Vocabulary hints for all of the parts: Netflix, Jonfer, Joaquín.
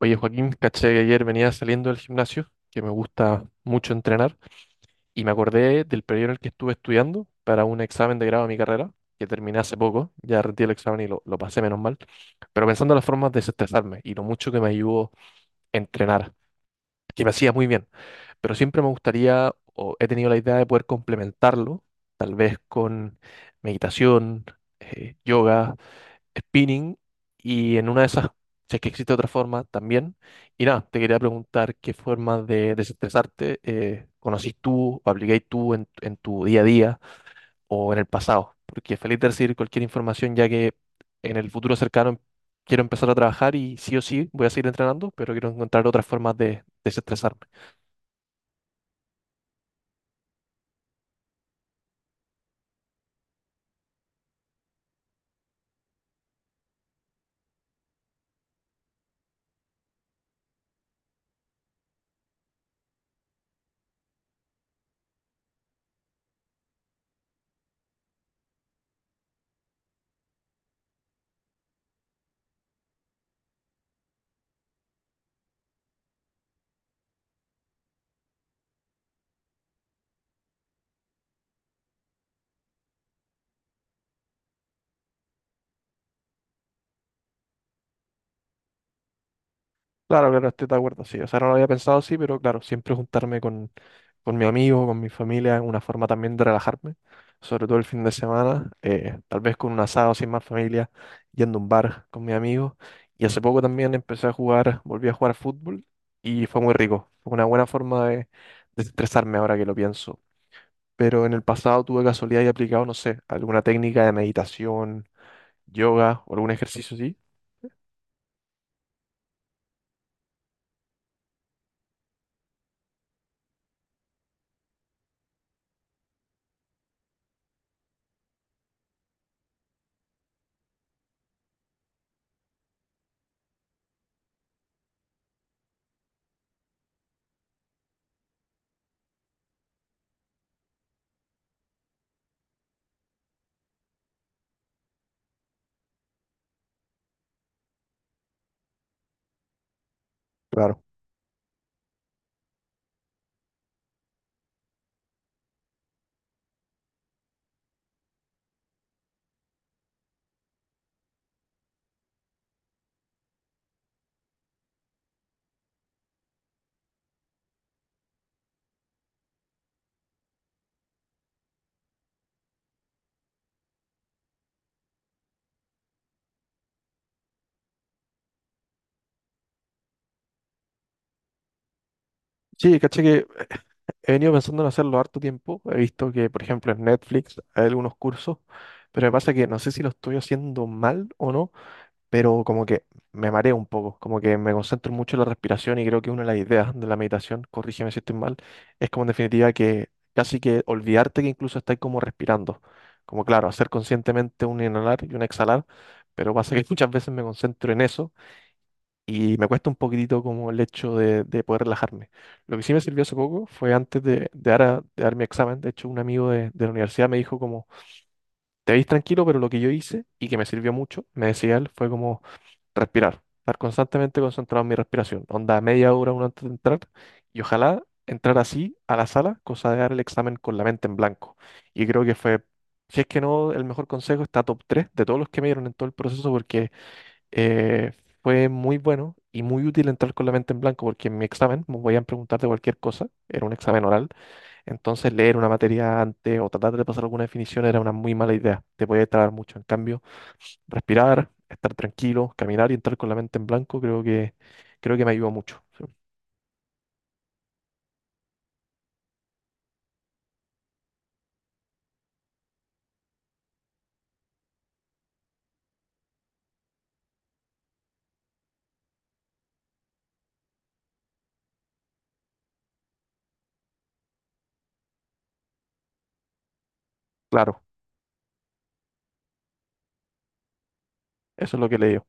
Oye, Joaquín, caché que ayer venía saliendo del gimnasio, que me gusta mucho entrenar, y me acordé del periodo en el que estuve estudiando para un examen de grado de mi carrera, que terminé hace poco, ya rendí el examen y lo pasé menos mal, pero pensando en las formas de desestresarme y lo mucho que me ayudó entrenar, que me hacía muy bien, pero siempre me gustaría, o he tenido la idea de poder complementarlo, tal vez con meditación, yoga, spinning, y en una de esas, si es que existe otra forma también. Y nada, te quería preguntar qué formas de desestresarte conocís tú o aplicáis tú en tu día a día o en el pasado. Porque feliz de recibir cualquier información ya que en el futuro cercano quiero empezar a trabajar y sí o sí voy a seguir entrenando, pero quiero encontrar otras formas de desestresarme. Claro, claro, estoy de acuerdo, sí. O sea, no lo había pensado así, pero claro, siempre juntarme con mi amigo, con mi familia, una forma también de relajarme, sobre todo el fin de semana, tal vez con un asado sin más familia, yendo a un bar con mi amigo. Y hace poco también empecé a jugar, volví a jugar fútbol y fue muy rico. Fue una buena forma de desestresarme ahora que lo pienso. Pero en el pasado tuve casualidad y aplicado, no sé, alguna técnica de meditación, yoga o algún ejercicio así. Claro. Sí, caché que he venido pensando en hacerlo harto tiempo. He visto que, por ejemplo, en Netflix hay algunos cursos, pero me pasa que no sé si lo estoy haciendo mal o no, pero como que me mareo un poco, como que me concentro mucho en la respiración y creo que una de las ideas de la meditación, corrígeme si estoy mal, es como en definitiva que casi que olvidarte que incluso estás como respirando. Como claro, hacer conscientemente un inhalar y un exhalar, pero pasa que muchas veces me concentro en eso y me cuesta un poquitito como el hecho de poder relajarme. Lo que sí me sirvió hace poco fue antes de dar, de dar mi examen. De hecho, un amigo de la universidad me dijo como, te veis tranquilo, pero lo que yo hice y que me sirvió mucho, me decía él, fue como respirar, estar constantemente concentrado en mi respiración. Onda media hora uno antes de entrar y ojalá entrar así a la sala, cosa de dar el examen con la mente en blanco. Y creo que fue... Si es que no, el mejor consejo está top 3 de todos los que me dieron en todo el proceso, porque eh, fue muy bueno y muy útil entrar con la mente en blanco porque en mi examen me podían preguntar de cualquier cosa, era un examen oral, entonces leer una materia antes o tratar de pasar alguna definición era una muy mala idea, te podía trabar mucho. En cambio, respirar, estar tranquilo, caminar y entrar con la mente en blanco creo que me ayudó mucho. Sí, claro, eso es lo que le digo,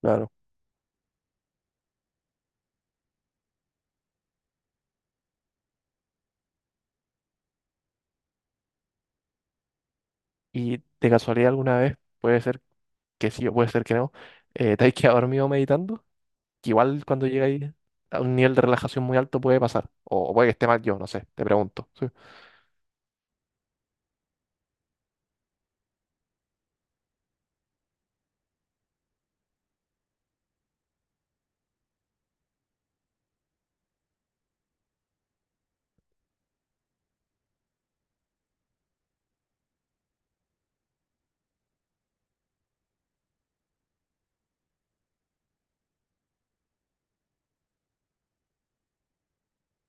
claro. ¿Y de casualidad alguna vez puede ser que sí o puede ser que no? ¿Te has quedado dormido meditando? Que igual cuando llegáis a un nivel de relajación muy alto puede pasar. O puede que esté mal yo, no sé, te pregunto. Sí.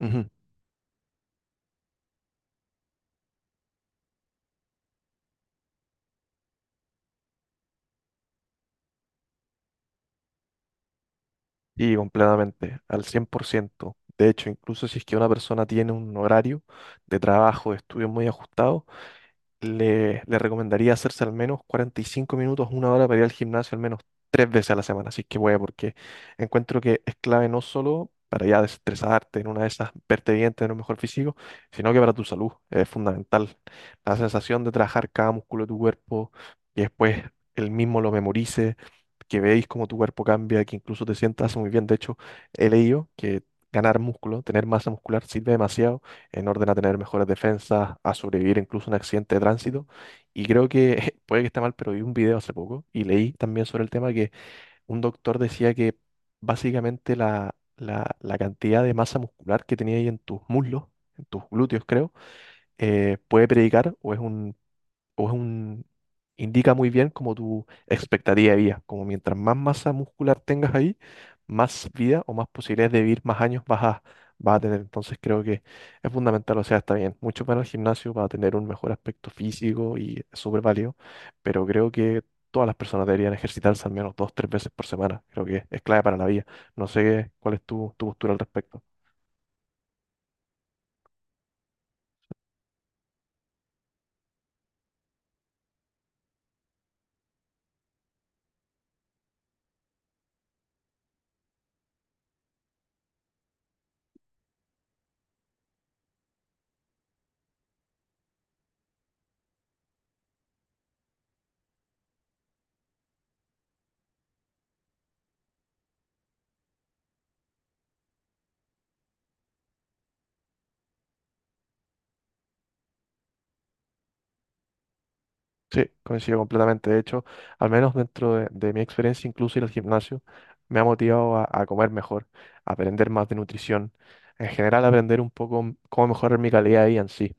Ujú. Y completamente, al cien por ciento. De hecho, incluso si es que una persona tiene un horario de trabajo, de estudio muy ajustado, le recomendaría hacerse al menos 45 minutos, una hora para ir al gimnasio al menos tres veces a la semana, así que voy porque encuentro que es clave no solo para ya desestresarte en una de esas, verte bien, tener un mejor físico, sino que para tu salud es fundamental. La sensación de trabajar cada músculo de tu cuerpo y después el mismo lo memorice, que veis cómo tu cuerpo cambia, que incluso te sientas muy bien. De hecho, he leído que ganar músculo, tener masa muscular, sirve demasiado en orden a tener mejores defensas, a sobrevivir incluso a un accidente de tránsito. Y creo que, puede que esté mal, pero vi un video hace poco y leí también sobre el tema que un doctor decía que básicamente la cantidad de masa muscular que tenía ahí en tus muslos, en tus glúteos creo, puede predicar o es un o es un, indica muy bien como tu expectativa de vida, como mientras más masa muscular tengas ahí, más vida o más posibilidades de vivir más años vas a tener. Entonces creo que es fundamental, o sea, está bien, mucho para el gimnasio para tener un mejor aspecto físico y es súper válido, pero creo que todas las personas deberían ejercitarse al menos dos, tres veces por semana. Creo que es clave para la vida. No sé cuál es tu postura al respecto. Sí, coincido completamente. De hecho, al menos dentro de mi experiencia, incluso ir al gimnasio me ha motivado a comer mejor, a aprender más de nutrición, en general aprender un poco cómo mejorar mi calidad de vida en sí.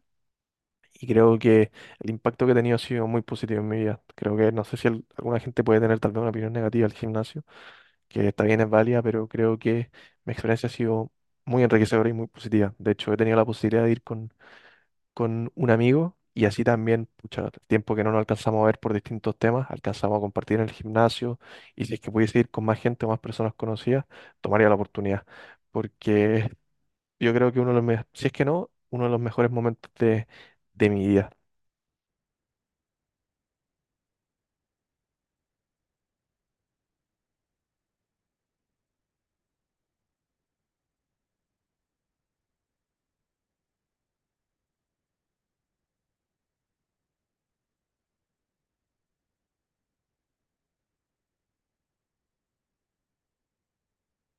Y creo que el impacto que he tenido ha sido muy positivo en mi vida. Creo que no sé si alguna gente puede tener tal vez una opinión negativa al gimnasio, que está bien, es válida, pero creo que mi experiencia ha sido muy enriquecedora y muy positiva. De hecho, he tenido la posibilidad de ir con un amigo y así también, pucha, el tiempo que no nos alcanzamos a ver por distintos temas, alcanzamos a compartir en el gimnasio y si es que pudiese ir con más gente o más personas conocidas, tomaría la oportunidad, porque yo creo que uno de los, si es que no, uno de los mejores momentos de mi vida.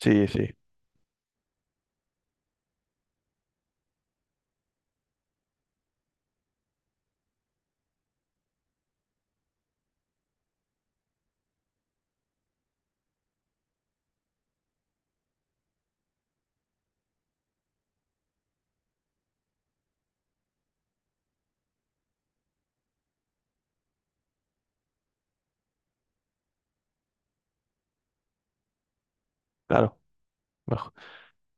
Sí, sí, claro, mej-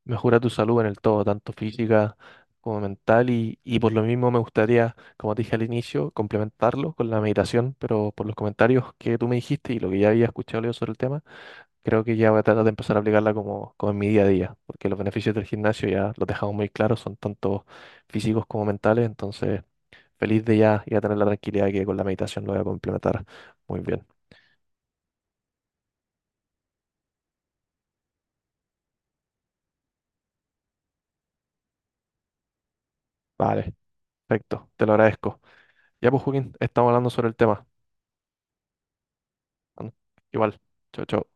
mejora tu salud en el todo, tanto física como mental y por lo mismo me gustaría, como te dije al inicio, complementarlo con la meditación, pero por los comentarios que tú me dijiste y lo que ya había escuchado yo sobre el tema. Creo que ya voy a tratar de empezar a aplicarla como, como en mi día a día, porque los beneficios del gimnasio ya los dejamos muy claros, son tanto físicos como mentales, entonces feliz de ya, ya tener la tranquilidad que con la meditación lo voy a complementar muy bien. Vale, perfecto, te lo agradezco. Ya pues, Joaquín, estamos hablando sobre el tema. Bueno, igual, chao, chao.